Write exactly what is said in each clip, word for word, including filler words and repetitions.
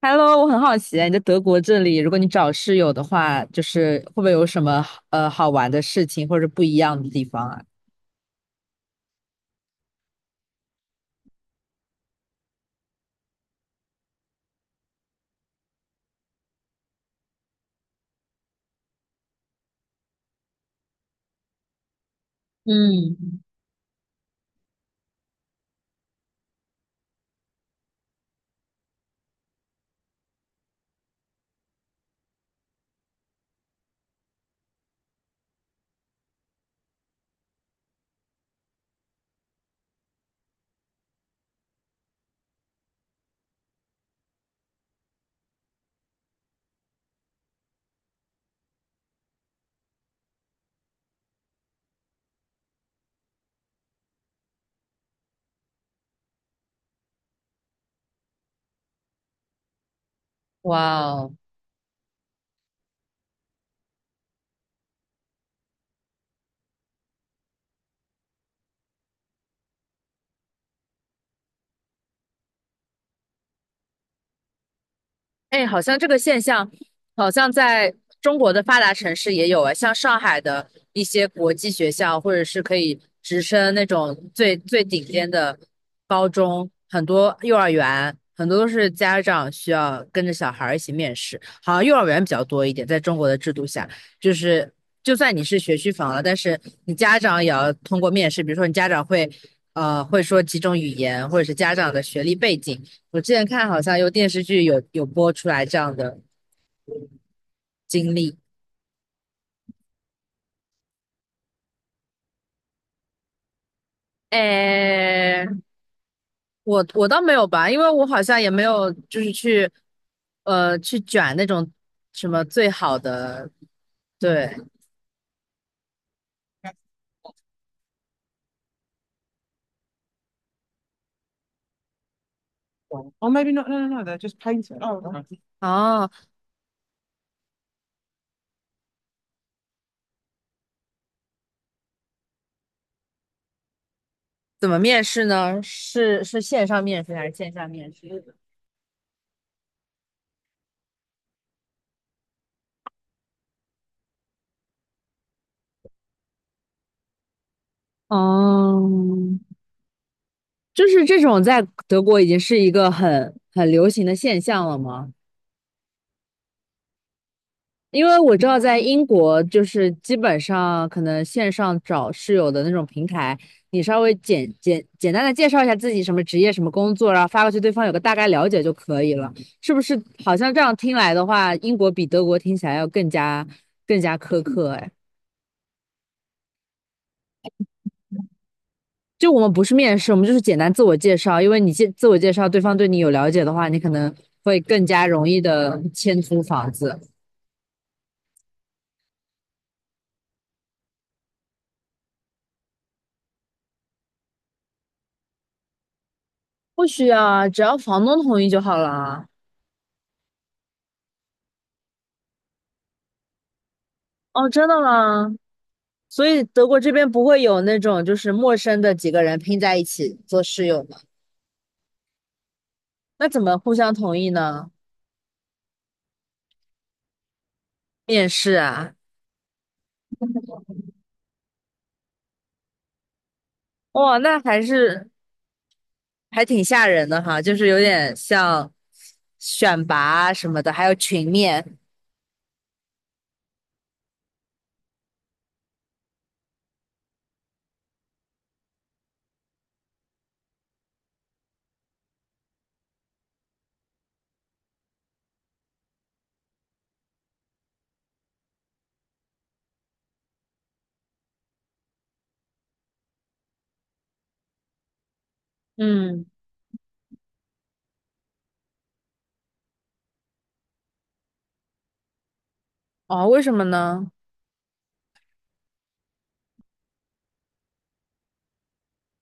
Hello，我很好奇，你在德国这里，如果你找室友的话，就是会不会有什么呃好玩的事情或者不一样的地方啊？嗯，哇哦！哎，好像这个现象，好像在中国的发达城市也有啊，像上海的一些国际学校，或者是可以直升那种最最顶尖的高中，很多幼儿园，很多都是家长需要跟着小孩儿一起面试，好像幼儿园比较多一点，在中国的制度下，就是就算你是学区房了，但是你家长也要通过面试，比如说你家长会，呃，会说几种语言，或者是家长的学历背景。我之前看好像有电视剧有有播出来这样的经历。诶，我我倒没有吧，因为我好像也没有就是去呃去卷那种什么最好的，对，o maybe not. No, no, no. t h e y just painted. Oh, o h 哦，怎么面试呢？是是线上面试还是线下面试？哦，就是这种在德国已经是一个很很流行的现象了吗？因为我知道在英国，就是基本上可能线上找室友的那种平台，你稍微简简简单的介绍一下自己什么职业、什么工作，然后发过去，对方有个大概了解就可以了，是不是？好像这样听来的话，英国比德国听起来要更加更加苛刻，哎，就我们不是面试，我们就是简单自我介绍，因为你介自我介绍，对方对你有了解的话，你可能会更加容易的签租房子。不需要，只要房东同意就好了。哦，真的吗？所以德国这边不会有那种就是陌生的几个人拼在一起做室友吗？那怎么互相同意呢？面试啊，哇，那还是还挺吓人的哈，就是有点像选拔啊什么的，还有群面哦，为什么呢？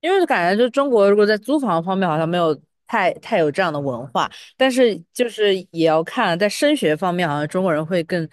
因为感觉就中国如果在租房方面好像没有太太有这样的文化，但是就是也要看在升学方面，好像中国人会更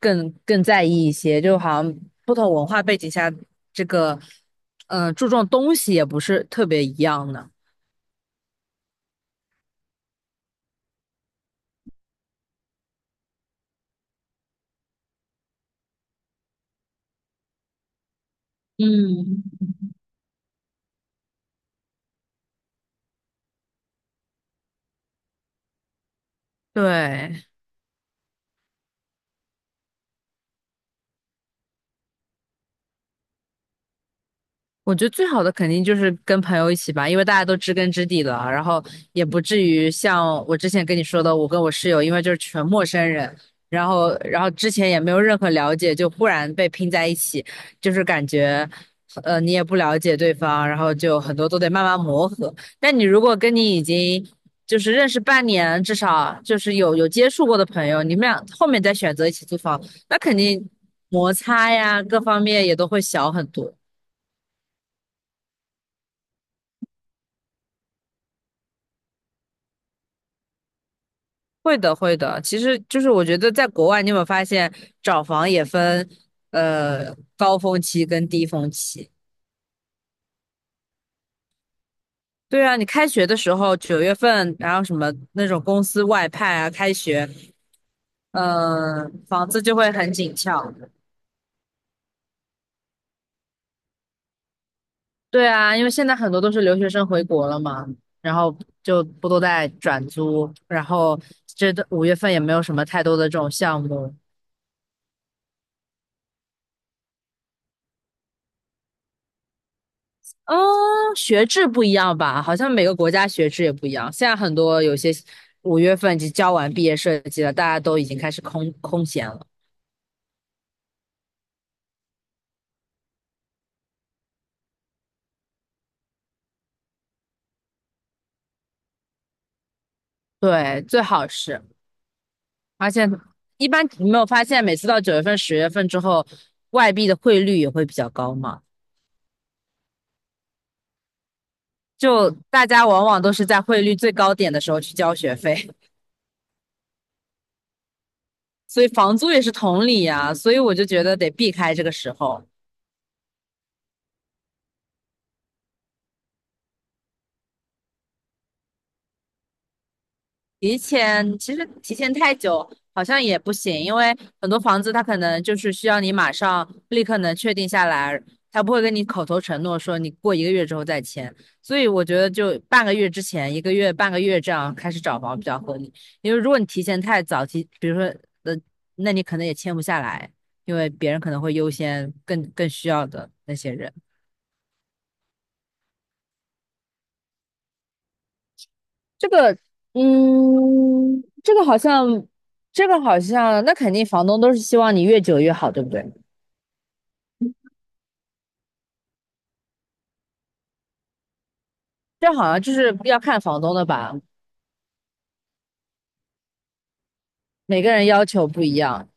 更更在意一些，就好像不同文化背景下，这个嗯、呃注重东西也不是特别一样的。嗯，对，我觉得最好的肯定就是跟朋友一起吧，因为大家都知根知底了，然后也不至于像我之前跟你说的，我跟我室友，因为就是全陌生人，然后然后之前也没有任何了解，就忽然被拼在一起，就是感觉，呃，你也不了解对方，然后就很多都得慢慢磨合。但你如果跟你已经就是认识半年，至少就是有有接触过的朋友，你们俩后面再选择一起租房，那肯定摩擦呀各方面也都会小很多。会的，会的。其实就是我觉得在国外，你有没有发现找房也分呃高峰期跟低峰期？对啊，你开学的时候九月份，然后什么那种公司外派啊，开学，呃，房子就会很紧俏。对啊，因为现在很多都是留学生回国了嘛，然后就不都在转租，然后这五月份也没有什么太多的这种项目，嗯，学制不一样吧？好像每个国家学制也不一样。现在很多有些五月份已经交完毕业设计了，大家都已经开始空空闲了。对，最好是，而且一般你没有发现，每次到九月份、十月份之后，外币的汇率也会比较高嘛？就大家往往都是在汇率最高点的时候去交学费，所以房租也是同理呀、所以我就觉得得避开这个时候。提前其实提前太久好像也不行，因为很多房子它可能就是需要你马上立刻能确定下来，他不会跟你口头承诺说你过一个月之后再签，所以我觉得就半个月之前，一个月半个月这样开始找房比较合理，因为如果你提前太早提，比如说呃，那你可能也签不下来，因为别人可能会优先更更需要的那些人。这个，嗯，这个好像，这个好像，那肯定房东都是希望你越久越好，对不对？这好像就是要看房东的吧，每个人要求不一样，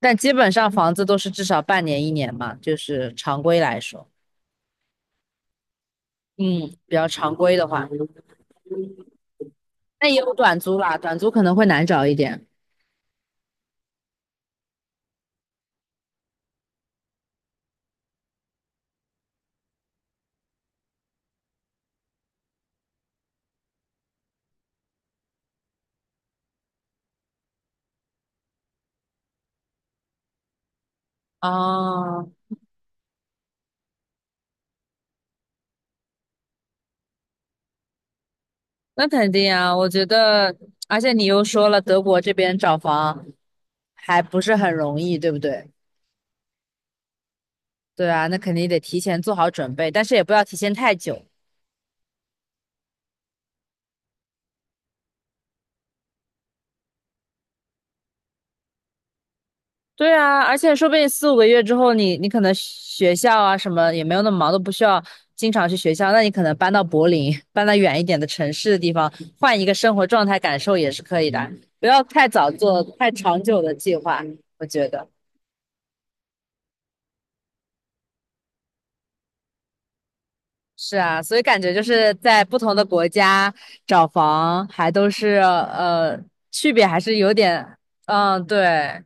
但基本上房子都是至少半年一年嘛，就是常规来说，嗯，比较常规的话，那也有短租啦，短租可能会难找一点。哦，那肯定啊，我觉得，而且你又说了，德国这边找房还不是很容易，对不对？对啊，那肯定得提前做好准备，但是也不要提前太久。对啊，而且说不定四五个月之后你，你可能学校啊什么也没有那么忙，都不需要经常去学校。那你可能搬到柏林，搬到远一点的城市的地方，换一个生活状态感受也是可以的。不要太早做太长久的计划，我觉得是啊。所以感觉就是在不同的国家找房，还都是呃区别还是有点，嗯，对。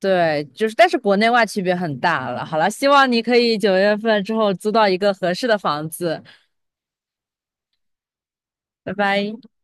对，就是，但是国内外区别很大了。好了，希望你可以九月份之后租到一个合适的房子。拜拜。